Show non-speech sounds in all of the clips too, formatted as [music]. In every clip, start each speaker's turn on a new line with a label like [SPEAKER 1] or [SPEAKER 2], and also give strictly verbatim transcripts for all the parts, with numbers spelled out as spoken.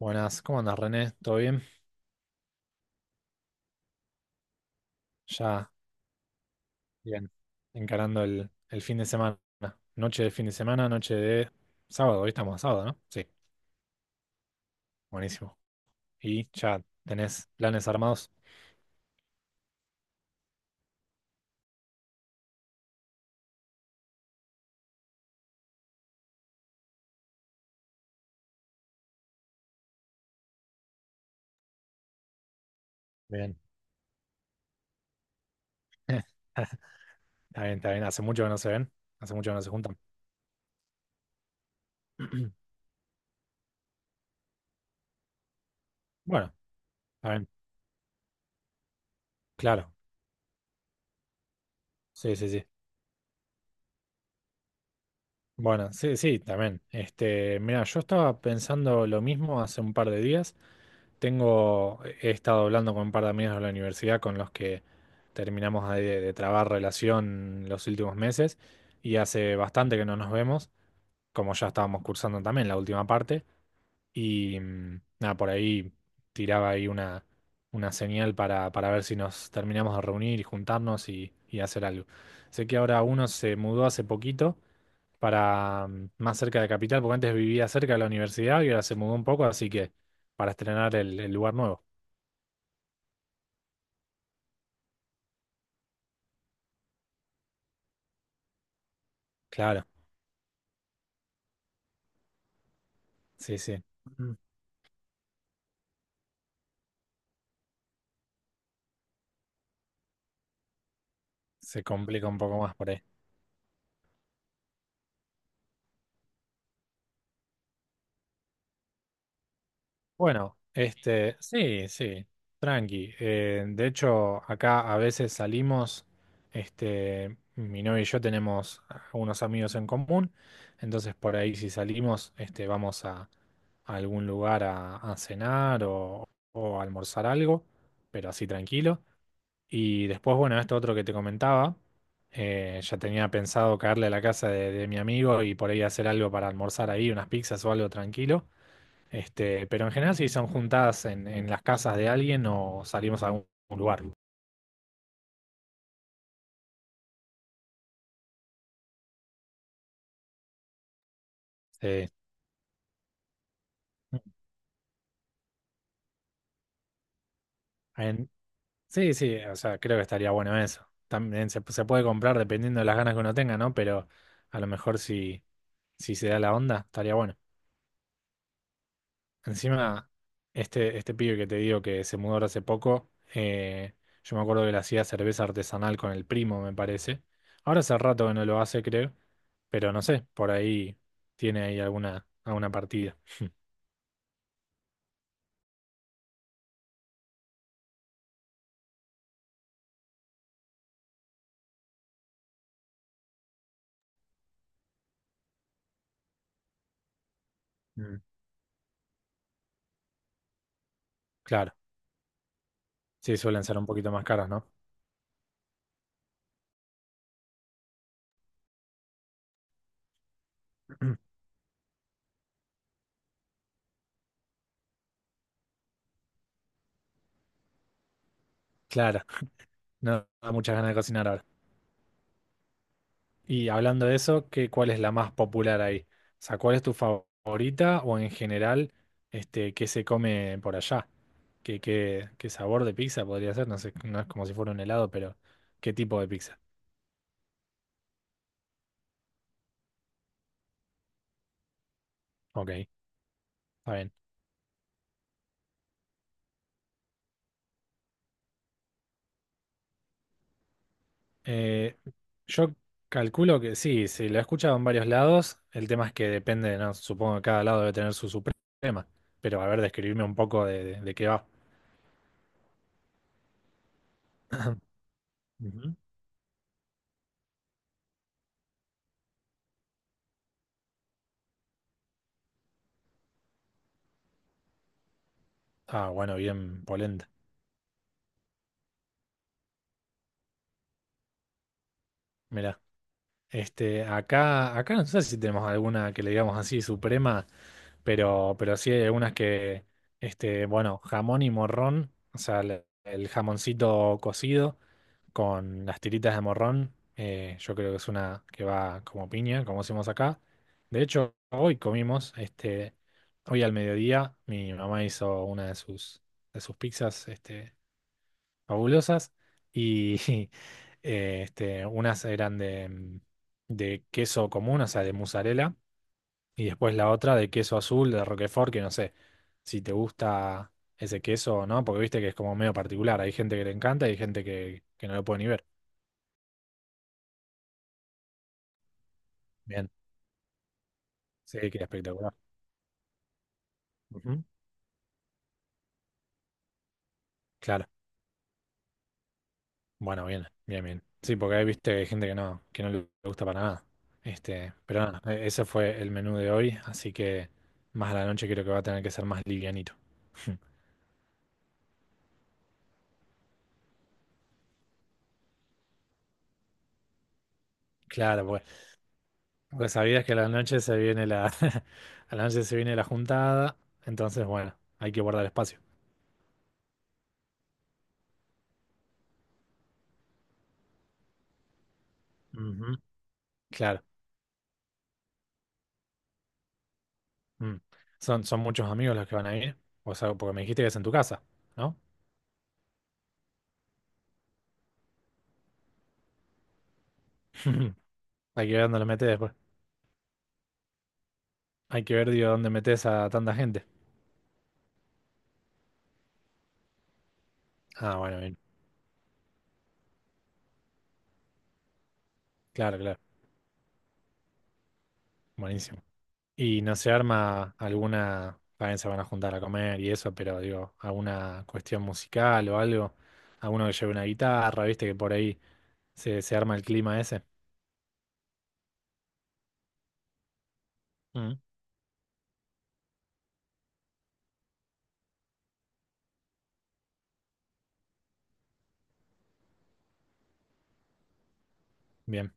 [SPEAKER 1] Buenas, ¿cómo andas, René? ¿Todo bien? Ya, bien, encarando el, el fin de semana. Noche de fin de semana, noche de sábado, hoy estamos a sábado, ¿no? Sí, buenísimo. ¿Y ya tenés planes armados? Bien. [laughs] Está bien, está bien. Hace mucho que no se ven, hace mucho que no se juntan. [clears throat] Bueno, está bien, claro. Sí, sí, sí. Bueno, sí, sí, también. Este, mira, yo estaba pensando lo mismo hace un par de días. Tengo, he estado hablando con un par de amigos de la universidad con los que terminamos de, de trabar relación los últimos meses y hace bastante que no nos vemos, como ya estábamos cursando también la última parte y mm, nada, por ahí tiraba ahí una, una señal para, para ver si nos terminamos de reunir y juntarnos y, y hacer algo. Sé que ahora uno se mudó hace poquito para mm, más cerca de Capital, porque antes vivía cerca de la universidad y ahora se mudó un poco, así que para estrenar el el lugar nuevo. Claro, sí, sí. Ujú. Se complica un poco más por ahí. Bueno, este, sí, sí, tranqui. Eh, de hecho, acá a veces salimos, este, mi novia y yo tenemos unos amigos en común, entonces por ahí si salimos, este, vamos a, a algún lugar a, a cenar o, o a almorzar algo, pero así tranquilo. Y después, bueno, esto otro que te comentaba, eh, ya tenía pensado caerle a la casa de, de mi amigo y por ahí hacer algo para almorzar ahí, unas pizzas o algo tranquilo. Este, pero en general, si son juntadas en, en las casas de alguien o salimos a algún lugar. Eh, en- sí, sí, o sea, creo que estaría bueno eso. También se, se puede comprar dependiendo de las ganas que uno tenga, ¿no? Pero a lo mejor si, si se da la onda, estaría bueno. Encima, este, este pibe que te digo que se mudó ahora hace poco, eh, yo me acuerdo que le hacía cerveza artesanal con el primo, me parece. Ahora hace rato que no lo hace, creo, pero no sé, por ahí tiene ahí alguna, alguna partida. Mm, claro, sí, suelen ser un poquito más caras, ¿no? [clears throat] Claro, no da muchas ganas de cocinar ahora. Y hablando de eso, ¿qué, cuál es la más popular ahí? O sea, ¿cuál es tu favorita o en general, este, qué se come por allá? ¿Qué, qué, qué sabor de pizza podría ser? No sé, no es como si fuera un helado, pero ¿qué tipo de pizza? Ok, está bien. Eh, yo calculo que sí, sí, lo he escuchado en varios lados. El tema es que depende, ¿no? Supongo que cada lado debe tener su suprema. Pero a ver, describirme un poco de, de- de qué va. Ujú. Ah, bueno, bien polenta. Mirá. Este, acá, acá no sé si tenemos alguna que le digamos así suprema, pero, pero sí hay algunas que, este, bueno, jamón y morrón, o sea, el, el jamoncito cocido con las tiritas de morrón, eh, yo creo que es una que va como piña, como decimos acá. De hecho, hoy comimos, este, hoy al mediodía, mi mamá hizo una de sus, de sus pizzas, este, fabulosas y [laughs] eh, este, unas eran de, mm, de queso común, o sea, de mozzarella, y después la otra de queso azul, de Roquefort, que no sé si te gusta ese queso o no, porque viste que es como medio particular, hay gente que le encanta y hay gente que, que no lo puede ni ver. Bien, sí, que espectacular. Ujú. Claro. Bueno, bien, bien, bien. Sí, porque ahí viste que hay gente que no, que no le gusta para nada. Este, pero nada, e- ese fue el menú de hoy, así que más a la noche creo que va a tener que ser más livianito. [laughs] Claro, pues, porque sabías que a la noche se viene la, [laughs] a la noche se viene la juntada, entonces bueno, hay que guardar espacio. Ujú. Claro. Mm. Son, son muchos amigos los que van a ir, o sea, porque me dijiste que es en tu casa, ¿no? [laughs] Hay que ver dónde los metes después. Hay que ver, digo, dónde metes a tanta gente. Ah, bueno, bien. Claro, claro. Buenísimo. Y no se arma alguna, también se van a juntar a comer y eso, pero digo, alguna cuestión musical o algo, alguno que lleve una guitarra, viste que por ahí se, se arma el clima ese. Mm, bien,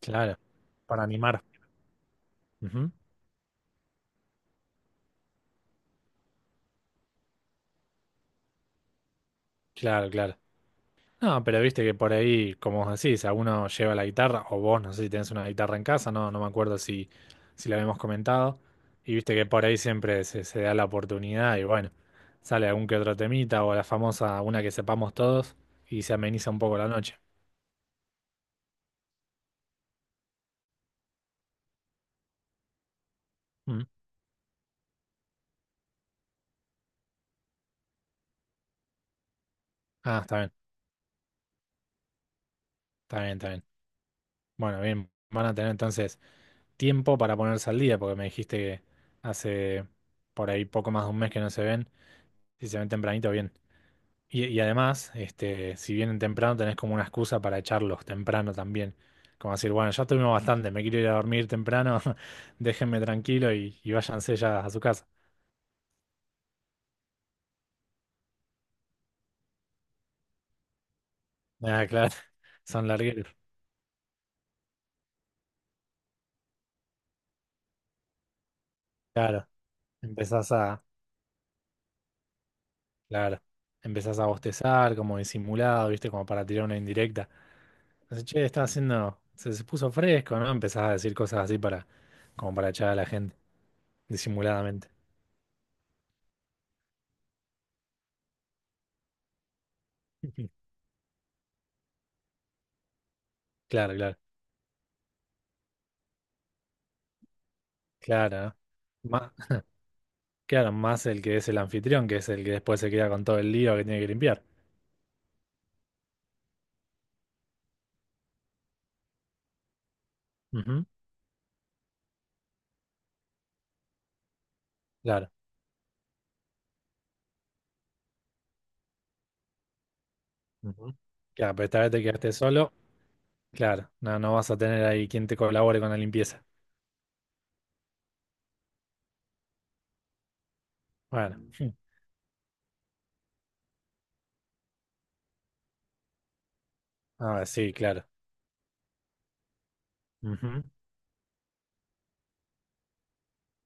[SPEAKER 1] claro, para animar. Ujú. Claro, claro. No, pero viste que por ahí, como vos decís, alguno lleva la guitarra, o vos, no sé si tenés una guitarra en casa, no, no me acuerdo si, si la habíamos comentado, y viste que por ahí siempre se, se da la oportunidad y bueno, sale algún que otro temita o la famosa, una que sepamos todos y se ameniza un poco la noche. Mm. Ah, está bien, está bien, está bien. Bueno, bien, van a tener entonces tiempo para ponerse al día, porque me dijiste que hace por ahí poco más de un mes que no se ven, si se ven tempranito, bien. Y, y además, este, si vienen temprano, tenés como una excusa para echarlos temprano también. Como decir, bueno, ya tuvimos bastante, me quiero ir a dormir temprano, [laughs] déjenme tranquilo y, y váyanse ya a su casa. Ah, claro, [laughs] son largueros. Claro, empezás a, claro, empezás a bostezar, como disimulado, ¿viste? Como para tirar una indirecta. Entonces, che, está haciendo, se, se puso fresco, ¿no? Empezás a decir cosas así para, como para echar a la gente, disimuladamente. [laughs] Claro, claro, claro, ¿no? Ma- Claro, más el que es el anfitrión, que es el que después se queda con todo el lío que tiene que limpiar. Ujú. Claro. Ujú. Claro, pero esta vez te quedaste solo, claro, no, no vas a tener ahí quien te colabore con la limpieza. Bueno, [laughs] a sí, claro. Ujú.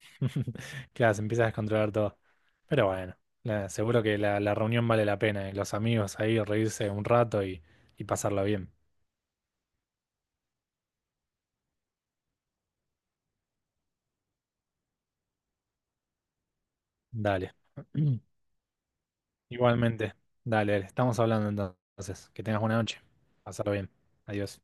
[SPEAKER 1] [laughs] Claro, se empieza a descontrolar todo. Pero bueno, la- seguro que la, la reunión vale la pena, eh, Los amigos ahí, reírse un rato y, y pasarlo bien. Dale. [clears throat] Igualmente, dale, dale, estamos hablando entonces. Que tengas buena noche. Pasarlo bien. Adiós.